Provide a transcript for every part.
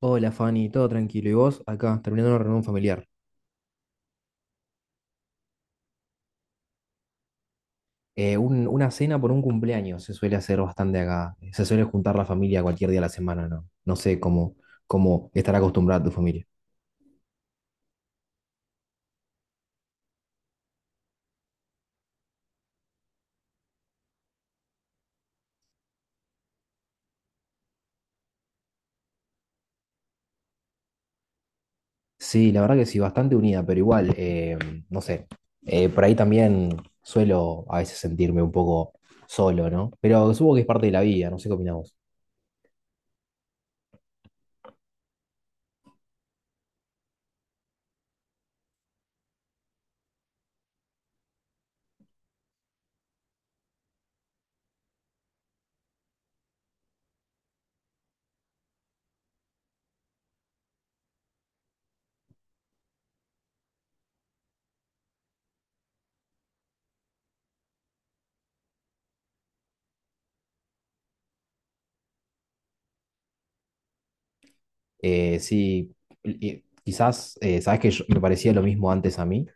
Hola Fanny, todo tranquilo. ¿Y vos? Acá, terminando una reunión familiar. Una cena por un cumpleaños se suele hacer bastante acá. Se suele juntar la familia cualquier día de la semana, ¿no? No sé cómo estará acostumbrada tu familia. Sí, la verdad que sí, bastante unida, pero igual, no sé. Por ahí también suelo a veces sentirme un poco solo, ¿no? Pero supongo que es parte de la vida, no sé qué opinás vos. Sí, y quizás, sabes que me parecía lo mismo antes a mí,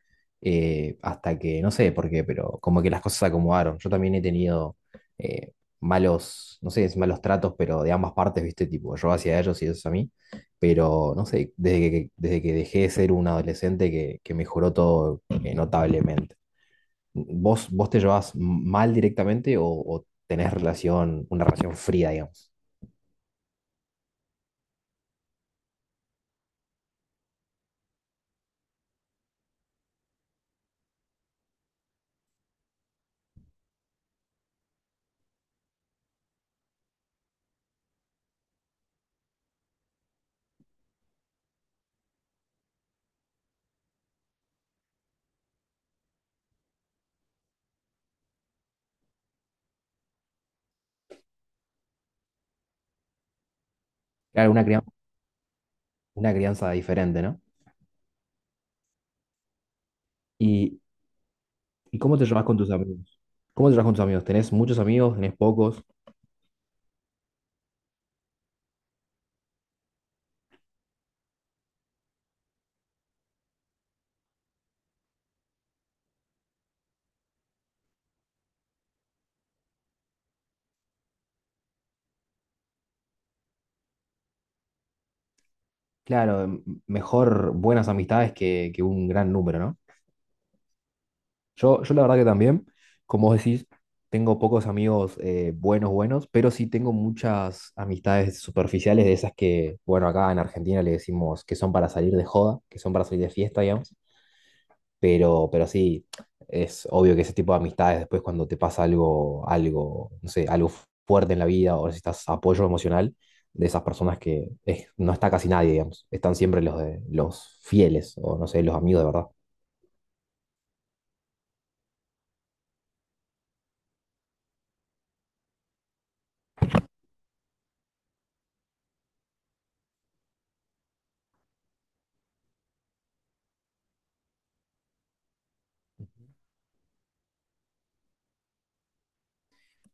hasta que, no sé por qué, pero como que las cosas se acomodaron. Yo también he tenido eh, malos, no sé, si malos tratos, pero de ambas partes, ¿viste? Tipo, yo hacia ellos y ellos a mí. Pero, no sé, desde que dejé de ser un adolescente que mejoró todo notablemente. ¿Vos te llevas mal directamente o tenés relación, una relación fría, digamos? Claro, una crianza diferente, ¿no? Y, ¿Y cómo te llevas con tus amigos? ¿Cómo te llevas con tus amigos? ¿Tenés muchos amigos? ¿Tenés pocos? Claro, mejor buenas amistades que un gran número, ¿no? Yo la verdad que también, como vos decís, tengo pocos amigos buenos, buenos, pero sí tengo muchas amistades superficiales de esas que, bueno, acá en Argentina le decimos que son para salir de joda, que son para salir de fiesta, digamos. Pero sí, es obvio que ese tipo de amistades después cuando te pasa algo, algo, no sé, algo fuerte en la vida o necesitas apoyo emocional de esas personas que no está casi nadie, digamos, están siempre los de los fieles o no sé, los amigos de verdad.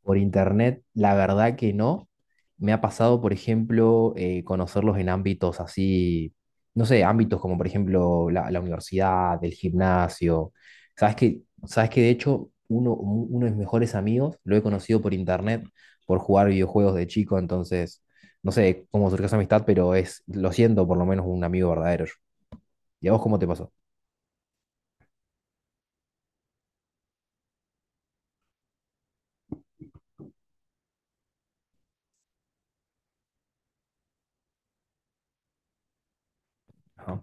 Por internet, la verdad que no. Me ha pasado, por ejemplo, conocerlos en ámbitos así, no sé, ámbitos como por ejemplo la universidad, el gimnasio. Sabes que de hecho uno de mis mejores amigos lo he conocido por internet, por jugar videojuegos de chico, entonces no sé cómo surgió esa amistad, pero es, lo siento, por lo menos un amigo verdadero. ¿Y a vos cómo te pasó? Ajá.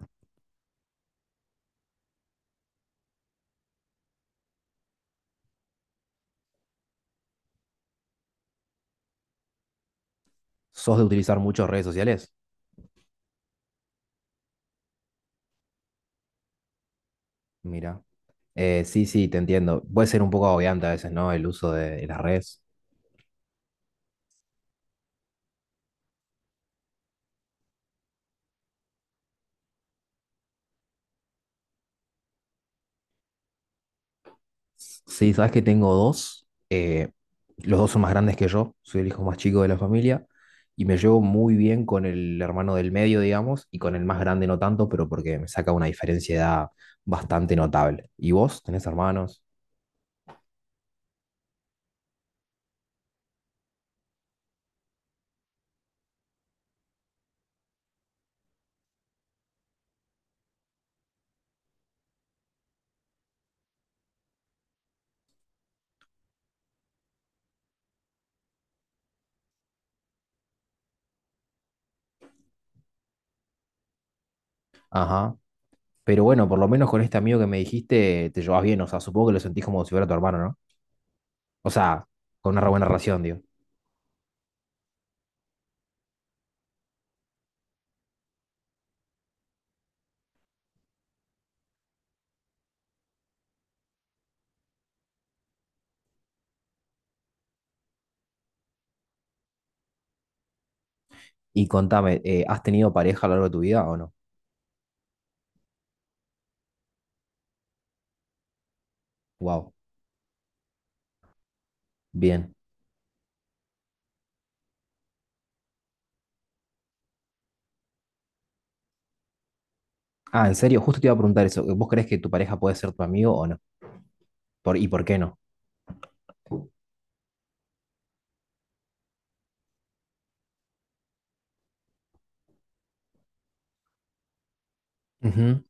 ¿Sos de utilizar muchas redes sociales? Mira. Sí, sí, te entiendo. Puede ser un poco agobiante a veces, ¿no? El uso de, las redes. Sí, sabes que tengo dos. Los dos son más grandes que yo. Soy el hijo más chico de la familia. Y me llevo muy bien con el hermano del medio, digamos, y con el más grande no tanto, pero porque me saca una diferencia de edad bastante notable. ¿Y vos tenés hermanos? Ajá. Pero bueno, por lo menos con este amigo que me dijiste, te llevas bien. O sea, supongo que lo sentís como si fuera tu hermano, ¿no? O sea, con una re buena relación, digo. Y contame, ¿has tenido pareja a lo largo de tu vida o no? Wow, bien. Ah, en serio, justo te iba a preguntar eso. ¿Vos crees que tu pareja puede ser tu amigo o no? ¿Por, y por qué no? Ujú.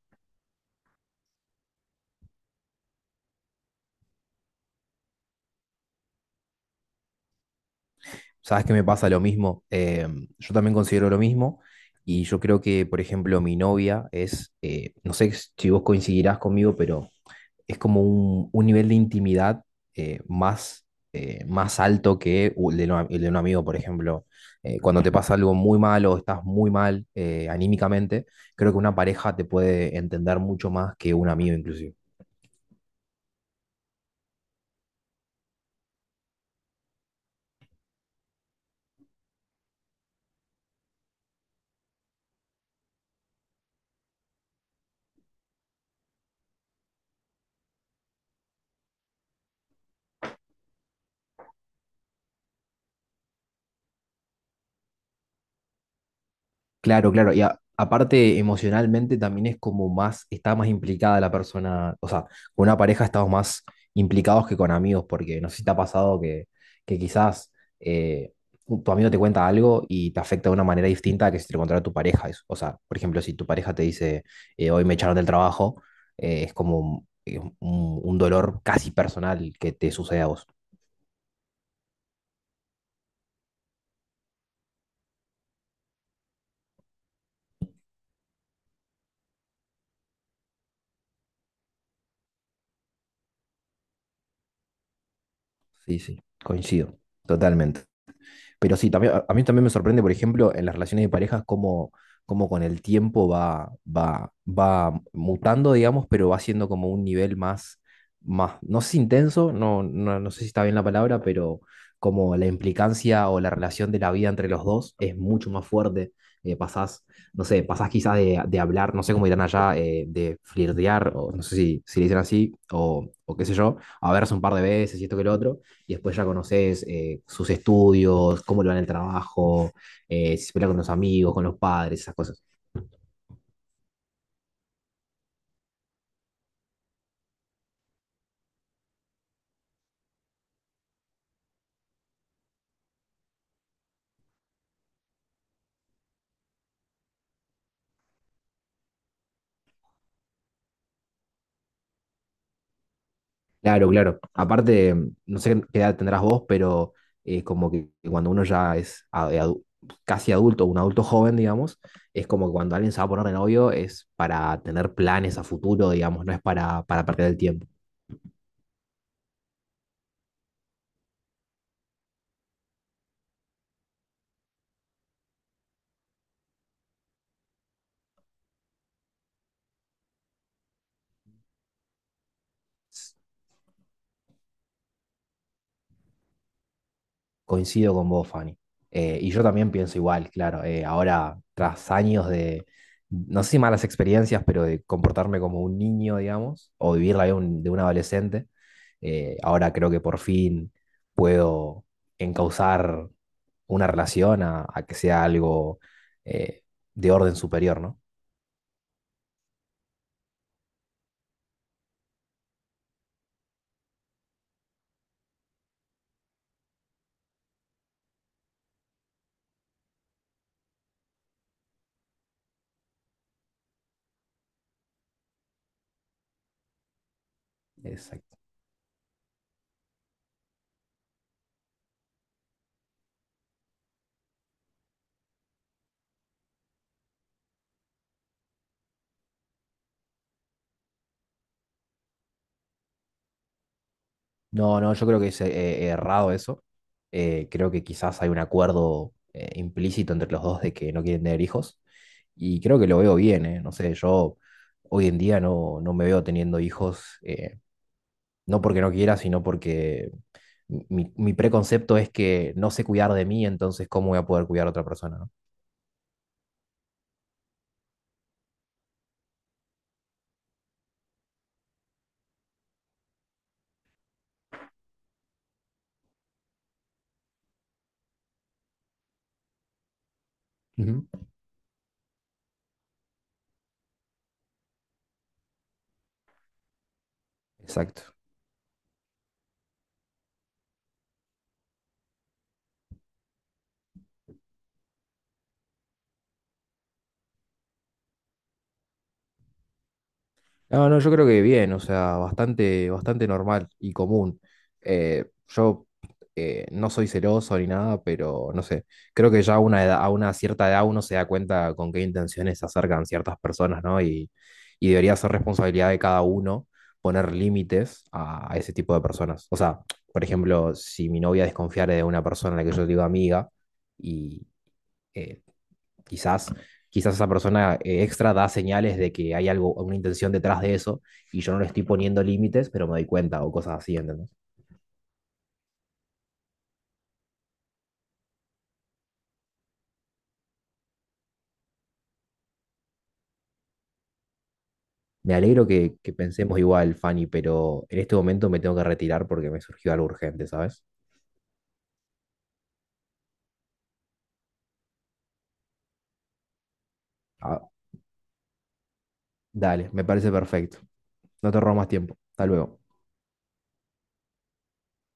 ¿Sabes que me pasa lo mismo? Em, yo también considero lo mismo y yo creo que, por ejemplo, mi novia es, no sé si vos coincidirás conmigo, pero es como un nivel de intimidad eh, más, más alto que el de un amigo, por ejemplo. Cuando te pasa algo muy mal o estás muy mal anímicamente, creo que una pareja te puede entender mucho más que un amigo inclusive. Claro, claro. Y aparte, emocionalmente también es como más, está más implicada la persona. O sea, con una pareja estamos más implicados que con amigos, porque no sé si te ha pasado que quizás eh, tu amigo te cuenta algo y te afecta de una manera distinta a que si te lo contara tu pareja. O sea, por ejemplo, si tu pareja te dice, hoy me echaron del trabajo, es como un, un dolor casi personal que te sucede a vos. Sí, sí, coincido, totalmente. Pero sí, también, a mí también me sorprende, por ejemplo, en las relaciones de pareja, cómo, cómo con el tiempo va mutando, digamos, pero va siendo como un nivel más, más, no sé si intenso, no, no, no sé si está bien la palabra, pero como la implicancia o la relación de la vida entre los dos es mucho más fuerte. Eh, pasás, no sé, pasás quizás de hablar, no sé cómo dirán allá, de flirtear, o no sé si, si le dicen así, o qué sé yo, a verse un par de veces y esto que lo otro y después ya conoces sus estudios, cómo le va en el trabajo, si se pelea con los amigos, con los padres, esas cosas. Claro, claro. Aparte, mm, no sé qué edad tendrás vos, pero como que cuando uno ya es casi adulto, un adulto joven, digamos, es como que cuando alguien se va a poner de novio es para tener planes a futuro, digamos, no es para perder el tiempo. Coincido con vos, Fanny. Y yo también pienso igual, claro. Ahora, tras años de, no sé si malas experiencias, pero de comportarme como un niño, digamos, o vivir la vida de un adolescente, ahora creo que por fin puedo encauzar una relación a que sea algo eh, de orden superior, ¿no? Exacto. No, no, yo creo que es errado eso. Creo que quizás hay un acuerdo implícito entre los dos de que no quieren tener hijos. Y creo que lo veo bien, ¿eh? No sé, yo hoy en día no, no me veo teniendo hijos, no porque no quiera, sino porque mi preconcepto es que no sé cuidar de mí, entonces ¿cómo voy a poder cuidar a otra persona, no? Ujú. Exacto. No, no, yo creo que bien, o sea, bastante, bastante normal y común. Yo no soy celoso ni nada, pero no sé, creo que ya a una edad, a una cierta edad uno se da cuenta con qué intenciones se acercan ciertas personas, ¿no? Y debería ser responsabilidad de cada uno poner límites a ese tipo de personas. O sea, por ejemplo, si mi novia desconfiara de una persona a la que yo digo amiga y eh, Quizás, quizás esa persona extra da señales de que hay algo, una intención detrás de eso y yo no le estoy poniendo límites, pero me doy cuenta o cosas así, ¿entendés? Me alegro que pensemos igual, Fanny, pero en este momento me tengo que retirar porque me surgió algo urgente, ¿sabes? Ah, dale, me parece perfecto. No te robo más tiempo. Hasta luego.